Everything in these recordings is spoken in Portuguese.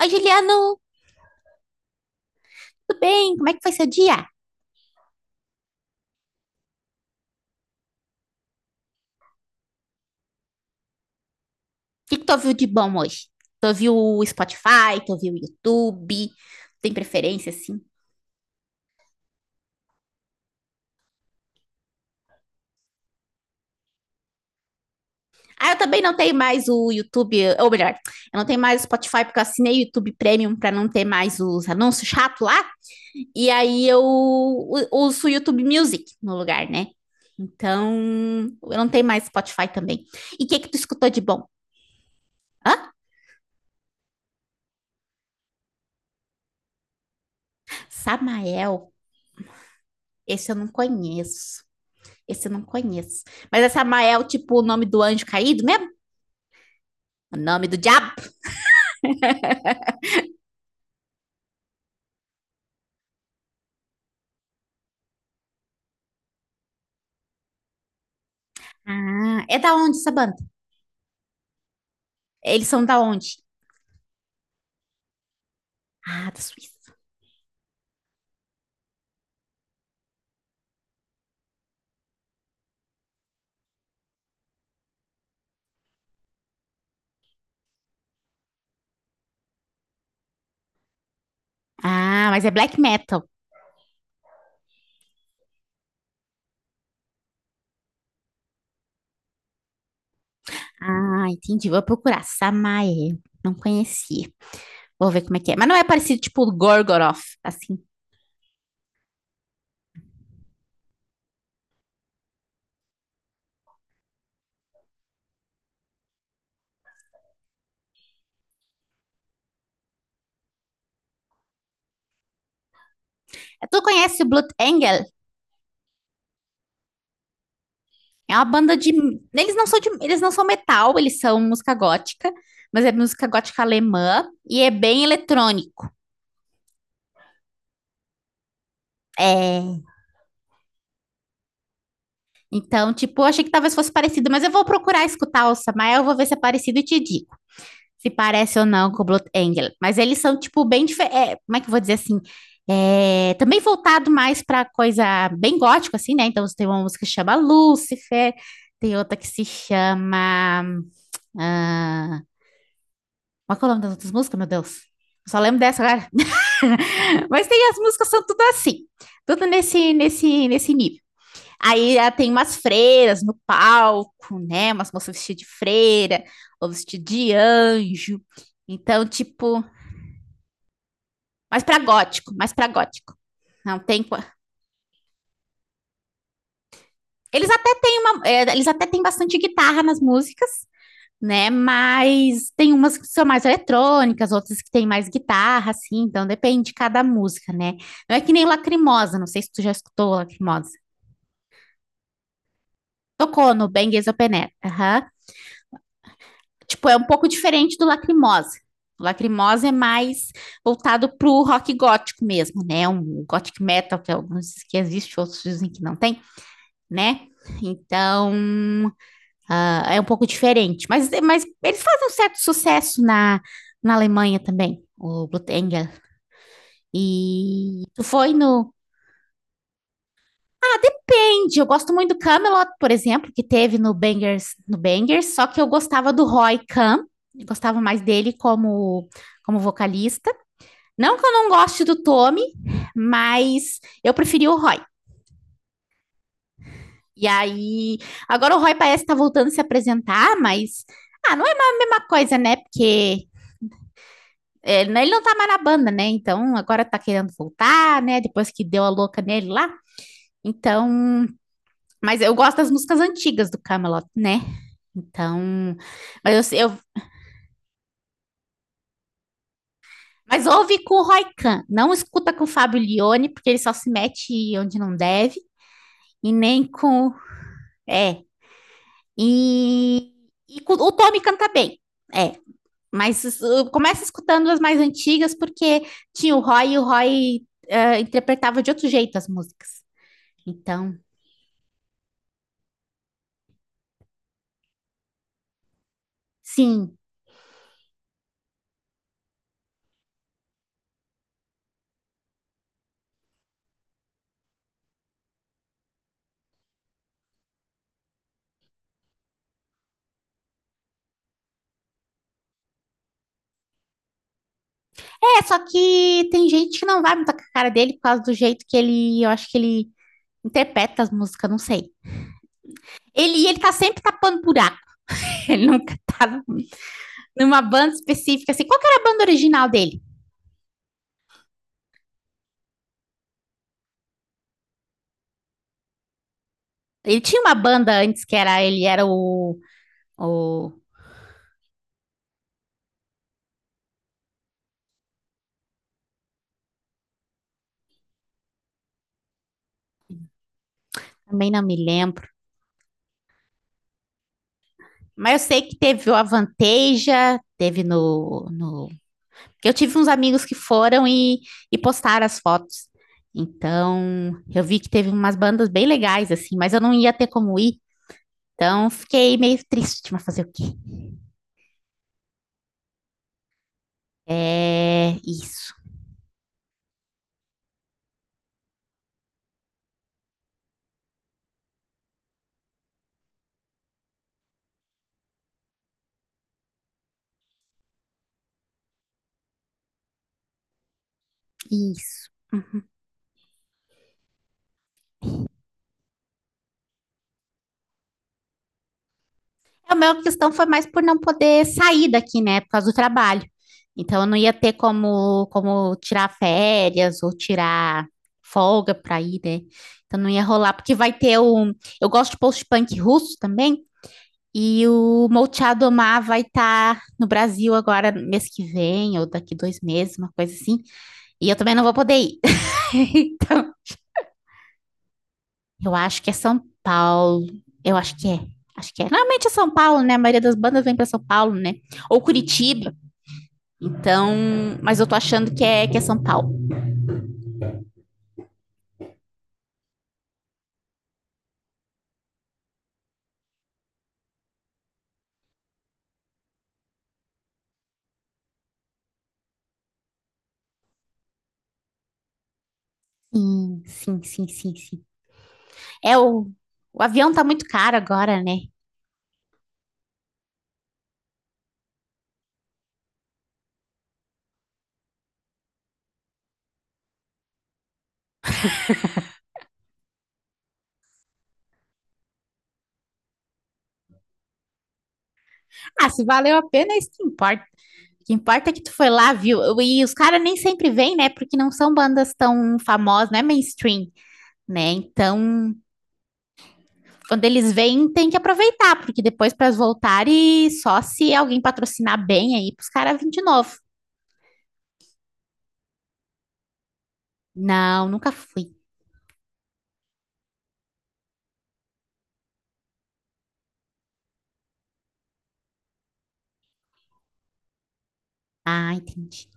Oi, Juliano, tudo bem? Como é que foi seu dia? O que que tu ouviu de bom hoje? Tu ouviu o Spotify, tu ouviu o YouTube? Tem preferência, assim? Ah, eu também não tenho mais o YouTube, ou melhor, eu não tenho mais o Spotify porque eu assinei o YouTube Premium para não ter mais os anúncios chato lá. E aí eu uso o YouTube Music no lugar, né? Então, eu não tenho mais Spotify também. E o que que tu escutou de bom? Hã? Samael, esse eu não conheço. Esse eu não conheço. Mas essa Mael, tipo, o nome do anjo caído mesmo? O nome do diabo? Ah, é da onde essa banda? Eles são da onde? Ah, da Suíça. Ah, mas é black metal. Ah, entendi. Vou procurar. Samael. Não conhecia. Vou ver como é que é. Mas não é parecido, tipo, Gorgoroth, assim. É, tu conhece o Blood Angel? É uma banda de. Eles não são de, eles não são metal, eles são música gótica, mas é música gótica alemã e é bem eletrônico. É, então, tipo, eu achei que talvez fosse parecido, mas eu vou procurar escutar o Samael, eu vou ver se é parecido e te digo se parece ou não com o Blood Angel. Mas eles são, tipo, bem diferentes. Como é que eu vou dizer, assim? É, também voltado mais pra coisa bem gótico, assim, né? Então, tem uma música que chama Lúcifer, tem outra que se chama. Ah, qual é o nome das outras músicas, meu Deus? Eu só lembro dessa agora. Mas tem as músicas, são tudo assim, tudo nesse nível. Aí, ah, tem umas freiras no palco, né? Umas moças vestidas de freira, ou vestidas de anjo. Então, tipo, mais pra gótico, mais pra gótico. Não tem. Eles até têm uma, é, eles até têm bastante guitarra nas músicas, né? Mas tem umas que são mais eletrônicas, outras que têm mais guitarra, assim. Então depende de cada música, né? Não é que nem Lacrimosa. Não sei se tu já escutou Lacrimosa. Tocou no Bang Is Open Air. Aham. Tipo, é um pouco diferente do Lacrimosa. O Lacrimosa é mais voltado pro rock gótico mesmo, né? Um gothic metal que alguns que existe, outros dizem que não tem, né? Então, ah, é um pouco diferente. Mas eles fazem um certo sucesso na, Alemanha também, o Blutengel. E tu foi no eu gosto muito do Camelot, por exemplo, que teve no Bangers, só que eu gostava do Roy Khan, eu gostava mais dele como como vocalista. Não que eu não goste do Tommy, mas eu preferi o Roy. E aí, agora o Roy parece estar voltando a se apresentar, mas, ah, não é a mesma coisa, né? Porque é, né, ele não tá mais na banda, né? Então agora tá querendo voltar, né? Depois que deu a louca nele lá. Então, mas eu gosto das músicas antigas do Camelot, né? Então, mas eu Mas ouve com o Roy Khan, não escuta com o Fábio Lione, porque ele só se mete onde não deve, e nem com, é, E, o Tommy canta bem, é. Mas começa escutando as mais antigas, porque tinha o Roy e o Roy interpretava de outro jeito as músicas. Então, sim. É, só que tem gente que não vai muito com a cara dele por causa do jeito que ele, eu acho que ele interpreta as músicas, não sei. Ele tá sempre tapando buraco. Ele nunca tá numa banda específica, assim. Qual que era a banda original dele? Ele tinha uma banda antes que era, ele era o. Também não me lembro. Mas eu sei que teve o Avanteja, teve no, no. Que eu tive uns amigos que foram e postaram as fotos. Então, eu vi que teve umas bandas bem legais, assim, mas eu não ia ter como ir. Então, fiquei meio triste, mas fazer o quê? É isso, isso. A minha questão foi mais por não poder sair daqui, né, por causa do trabalho. Então, eu não ia ter como, como tirar férias ou tirar folga para ir, né? Então, não ia rolar, porque vai ter o. Eu gosto de post-punk russo também, e o Molchado Omar vai estar no Brasil agora, mês que vem, ou daqui 2 meses, uma coisa assim. E eu também não vou poder ir. Então, eu acho que é São Paulo. Eu acho que é. Acho que é. Normalmente é São Paulo, né? A maioria das bandas vem para São Paulo, né? Ou Curitiba. Então, mas eu tô achando que é São Paulo. Sim, sim, sim, sim, sim. É o avião tá muito caro agora, né? Ah, se valeu a pena, é isso que importa. O que importa é que tu foi lá, viu? E os caras nem sempre vêm, né? Porque não são bandas tão famosas, não é mainstream, né? Então, quando eles vêm, tem que aproveitar, porque depois para voltar e só se alguém patrocinar bem aí, pros caras virem de novo. Não, nunca fui. Ah, entendi.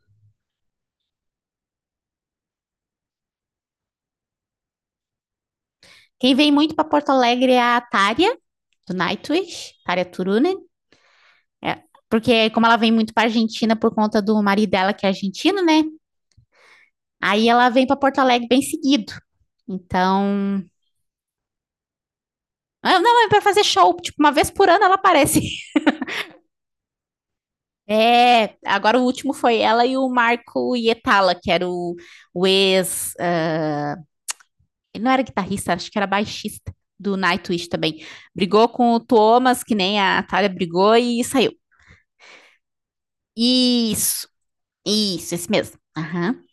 Quem vem muito para Porto Alegre é a Tária, do Nightwish, Tária Turunen. É, porque como ela vem muito para Argentina por conta do marido dela que é argentino, né? Aí ela vem para Porto Alegre bem seguido. Então, ah, não, é para fazer show, tipo, uma vez por ano ela aparece. É, agora o último foi ela e o Marco Hietala, que era o ex. Ah, ele não era guitarrista, acho que era baixista do Nightwish também. Brigou com o Thomas, que nem a Thalia brigou, e saiu. Isso, isso, esse mesmo. Aham.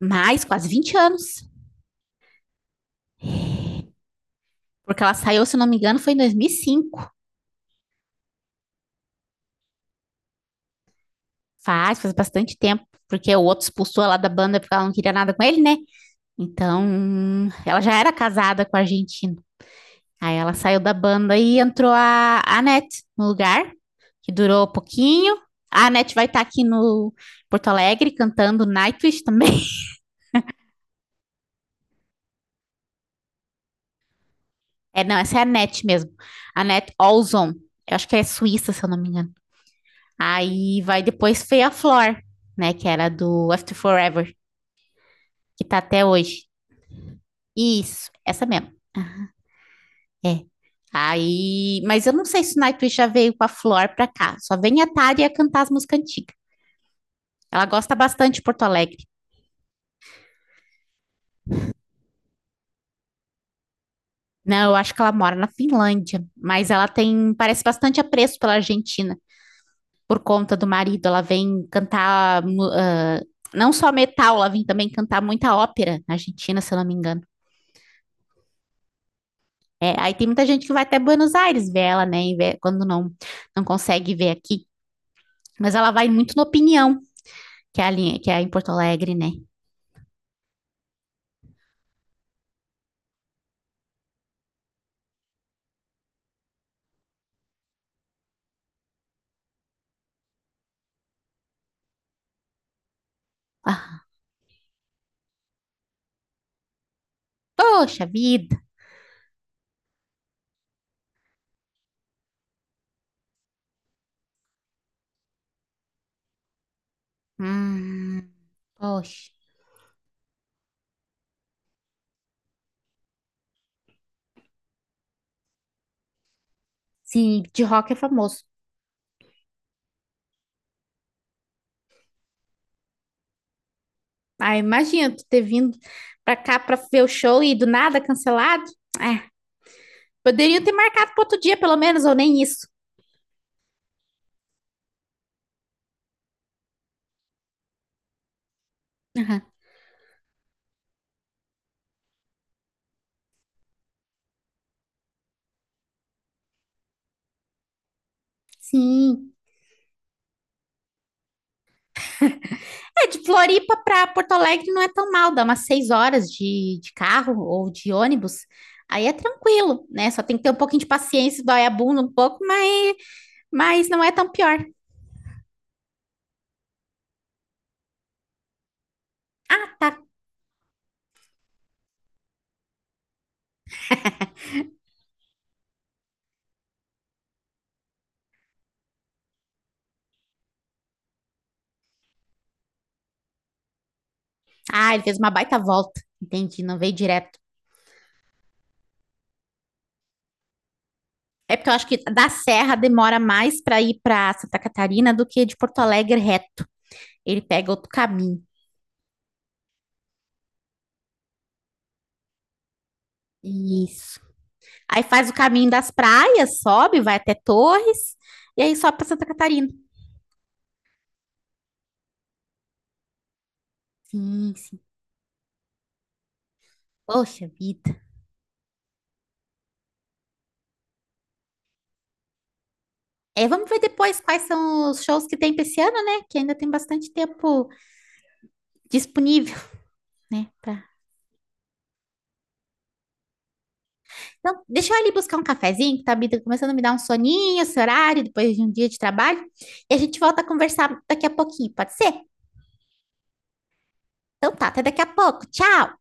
Mais quase 20 anos. Porque ela saiu, se não me engano, foi em 2005. Faz, faz bastante tempo. Porque o outro expulsou ela da banda porque ela não queria nada com ele, né? Então, ela já era casada com a Argentina. Aí ela saiu da banda e entrou a Anete no lugar, que durou pouquinho. A Anete vai estar tá aqui no Porto Alegre cantando Nightwish também. É, não, essa é a Anete mesmo. Anete Olson. Eu acho que é suíça, se eu não me engano. Aí vai depois Feia Flor, né? Que era do After Forever, que tá até hoje. Isso, essa mesmo. É. Aí, mas eu não sei se o Nightwish já veio com a Flor pra cá. Só vem a Tária cantar as músicas antigas. Ela gosta bastante de Porto Alegre. Não, eu acho que ela mora na Finlândia, mas ela tem, parece bastante apreço pela Argentina, por conta do marido. Ela vem cantar, não só metal, ela vem também cantar muita ópera na Argentina, se eu não me engano. É, aí tem muita gente que vai até Buenos Aires ver ela, né, e quando não, não consegue ver aqui. Mas ela vai muito na Opinião, que é a linha, que é em Porto Alegre, né? Ah, poxa vida. Hum, poxa. Sim, de rock é famoso. Ah, imagina tu ter vindo pra cá pra ver o show e do nada cancelado. Ah, poderiam ter marcado para outro dia, pelo menos, ou nem isso. Aham. Sim. É, de Floripa pra Porto Alegre não é tão mal, dá umas 6 horas de, carro ou de ônibus. Aí é tranquilo, né? Só tem que ter um pouquinho de paciência, dói a bunda um pouco, mas não é tão pior. Tá. Ah, ele fez uma baita volta. Entendi, não veio direto. É porque eu acho que da Serra demora mais para ir para Santa Catarina do que de Porto Alegre reto. Ele pega outro caminho. Isso. Aí faz o caminho das praias, sobe, vai até Torres e aí sobe para Santa Catarina. Sim, sim. Poxa vida. É, vamos ver depois quais são os shows que tem pra esse ano, né? Que ainda tem bastante tempo disponível, né? Pra. Então, deixa eu ali buscar um cafezinho, que tá tá começando a me dar um soninho, esse horário, depois de um dia de trabalho. E a gente volta a conversar daqui a pouquinho, pode ser? Então tá, até daqui a pouco. Tchau!